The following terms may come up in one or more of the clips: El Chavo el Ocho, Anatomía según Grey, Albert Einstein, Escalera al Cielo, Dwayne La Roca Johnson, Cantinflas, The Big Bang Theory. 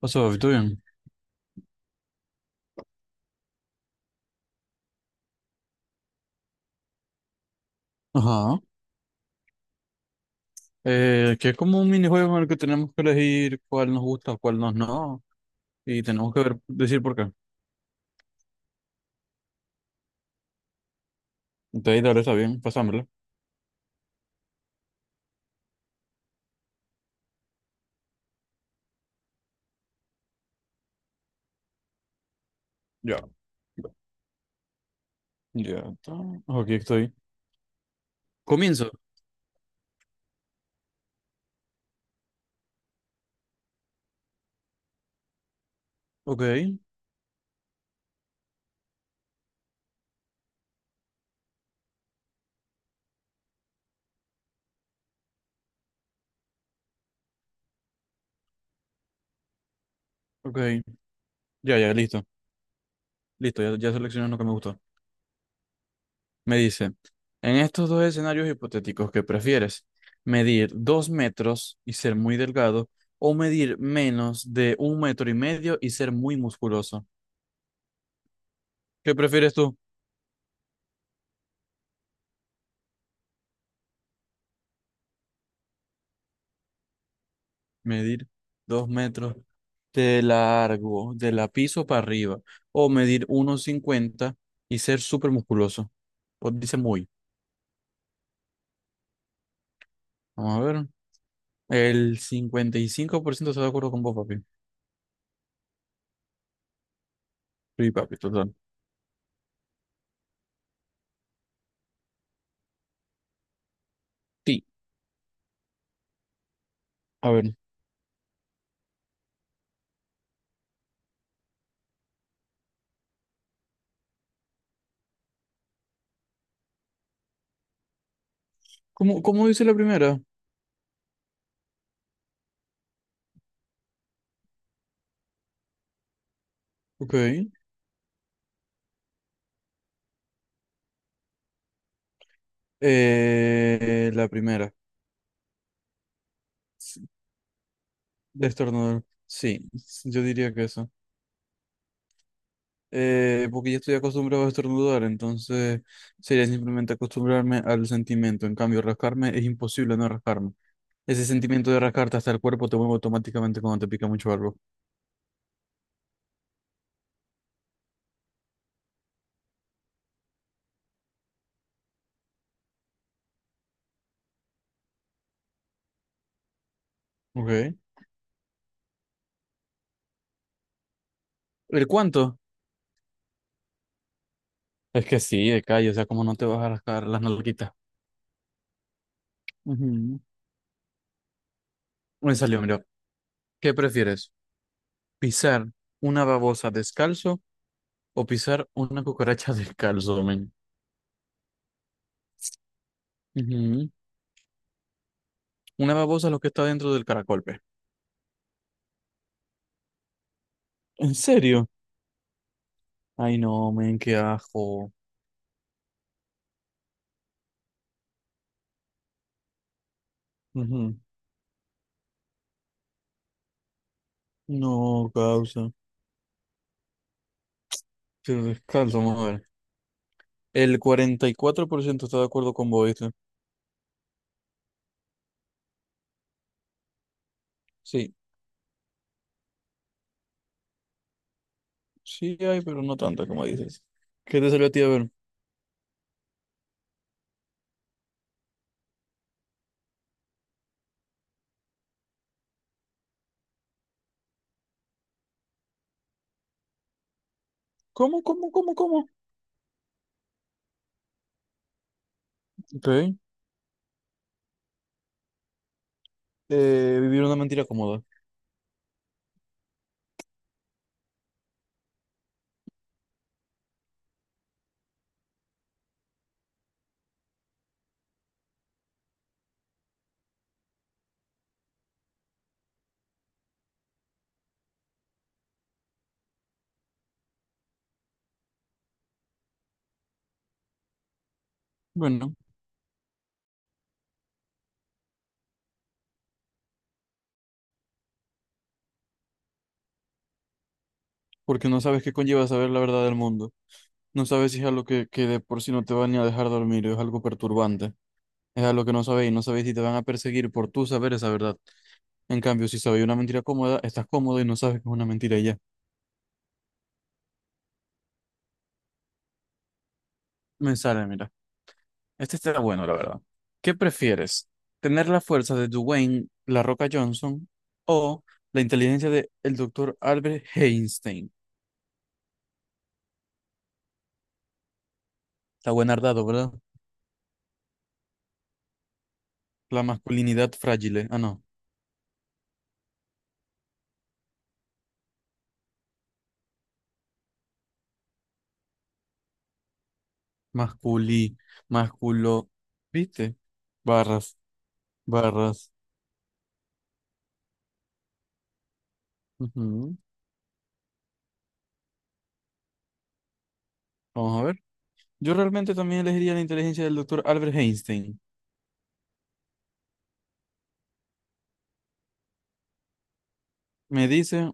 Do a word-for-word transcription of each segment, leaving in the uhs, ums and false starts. What's up, ¿todo bien? Ajá. Eh, que es como un minijuego en el que tenemos que elegir cuál nos gusta, cuál nos no, y tenemos que ver, decir por qué. Entonces, dale, está bien, pasámoslo. Ya. Ya está. Aquí estoy. Comienzo. Ok, ok. Ya, ya, listo. Listo, ya, ya seleccioné lo que me gustó. Me dice, en estos dos escenarios hipotéticos, ¿qué prefieres? ¿Medir dos metros y ser muy delgado o medir menos de un metro y medio y ser muy musculoso? ¿Qué prefieres tú? Medir dos metros de largo, de la piso para arriba. O medir uno cincuenta y ser súper musculoso. Pues dice muy. Vamos a ver. El cincuenta y cinco por ciento está de acuerdo con vos, papi. Sí, papi, total. Sí. A ver. ¿Cómo, cómo dice la primera? Ok. Eh, la primera. Sí, destornudar. Sí, yo diría que eso. Eh, porque ya estoy acostumbrado a estornudar, entonces sería simplemente acostumbrarme al sentimiento. En cambio, rascarme es imposible no rascarme. Ese sentimiento de rascarte hasta el cuerpo te mueve automáticamente cuando te pica mucho algo. Okay. ¿El cuánto? Es que sí, de calle, o sea, como no te vas a rascar las nalguitas. Ujú. Me salió, mira. ¿Qué prefieres? ¿Pisar una babosa descalzo o pisar una cucaracha descalzo, men? Ujú. Una babosa es lo que está dentro del caracol, pe. ¿En serio? Ay, no, men, qué ajo. Ujú. No, causa. Te descalzo, vamos a ver. El cuarenta y cuatro por ciento está de acuerdo con vos, ¿viste? Sí, sí hay, pero no tanto, como dices. ¿Qué te salió a ti a ver? ¿Cómo, cómo, cómo, cómo? Ok. Eh, vivir una mentira cómoda. Bueno, porque no sabes qué conlleva saber la verdad del mundo. No sabes si es algo que, que de por sí no te va ni a dejar dormir, es algo perturbante. Es a lo que no sabéis, no sabéis si te van a perseguir por tú saber esa verdad. En cambio, si sabéis una mentira cómoda, estás cómodo y no sabes que es una mentira y ya. Me sale, mira. Este está bueno, la verdad. ¿Qué prefieres? ¿Tener la fuerza de Dwayne La Roca Johnson o la inteligencia de el doctor Albert Einstein? Está buen ardado, ¿verdad? La masculinidad frágil. ¿Eh? Ah, no. Masculi, masculo. ¿Viste? Barras, barras. Ujú. Vamos a ver. Yo realmente también elegiría la inteligencia del doctor Albert Einstein. Me dice,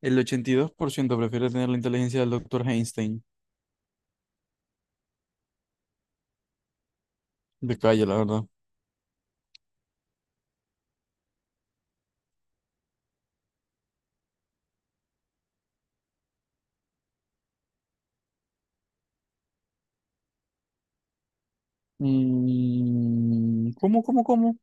el ochenta y dos por ciento prefiere tener la inteligencia del doctor Einstein. De calle, la verdad. Mm, ¿cómo, cómo, cómo?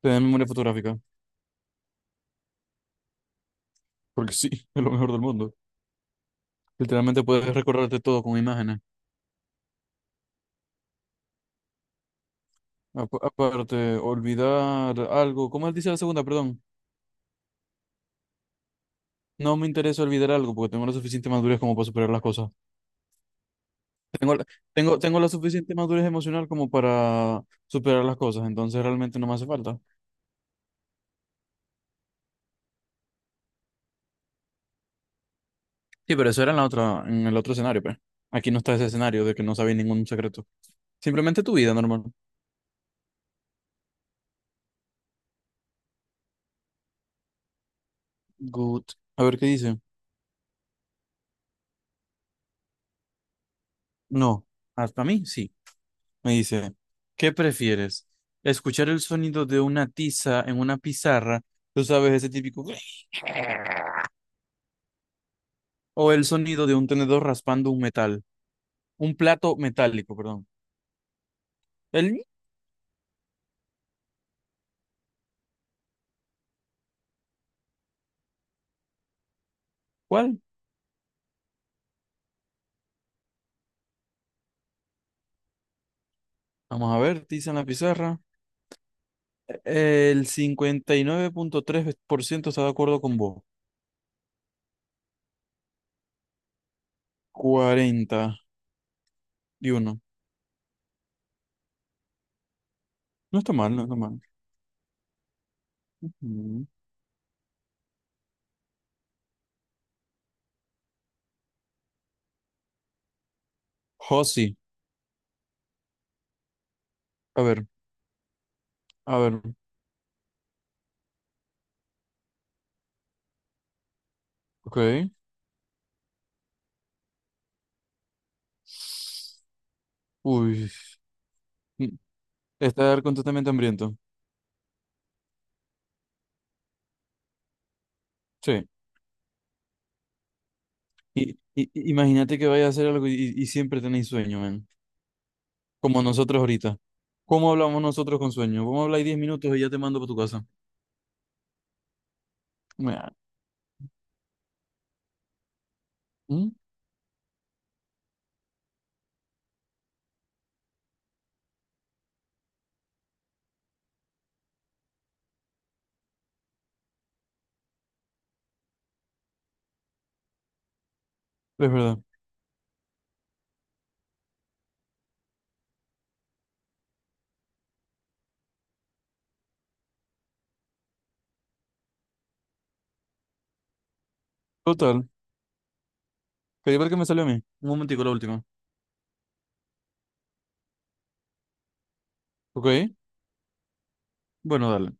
Tener memoria fotográfica. Porque sí, es lo mejor del mundo. Literalmente puedes recordarte todo con imágenes. Apa- Aparte, olvidar algo. ¿Cómo él dice la segunda? Perdón. No me interesa olvidar algo porque tengo la suficiente madurez como para superar las cosas. Tengo, la- tengo, tengo la suficiente madurez emocional como para superar las cosas. Entonces realmente no me hace falta. Sí, pero eso era en la otra, en el otro escenario, pues. Aquí no está ese escenario de que no sabéis ningún secreto. Simplemente tu vida normal. Good. A ver qué dice. No, hasta mí sí. Me dice, ¿qué prefieres? ¿Escuchar el sonido de una tiza en una pizarra? Tú sabes, ese típico... ¿O el sonido de un tenedor raspando un metal? Un plato metálico, perdón. ¿El cuál? Vamos a ver, tiza en la pizarra. El cincuenta y nueve punto tres por ciento está de acuerdo con vos. Cuarenta y uno. No está mal, no está mal. Mm. Josi, a ver, a ver, ok. Uy, mm, estar completamente hambriento. Sí. Y, y- y- imagínate que vayas a hacer algo y, y, siempre tenéis sueño, man. Como nosotros ahorita. ¿Cómo hablamos nosotros con sueño? Vamos a hablar diez minutos y ya te mando para tu casa. Mea. Mm. Es verdad. Total. Que igual que me salió a mí. Un momentico, la última. Ok. Bueno, dale.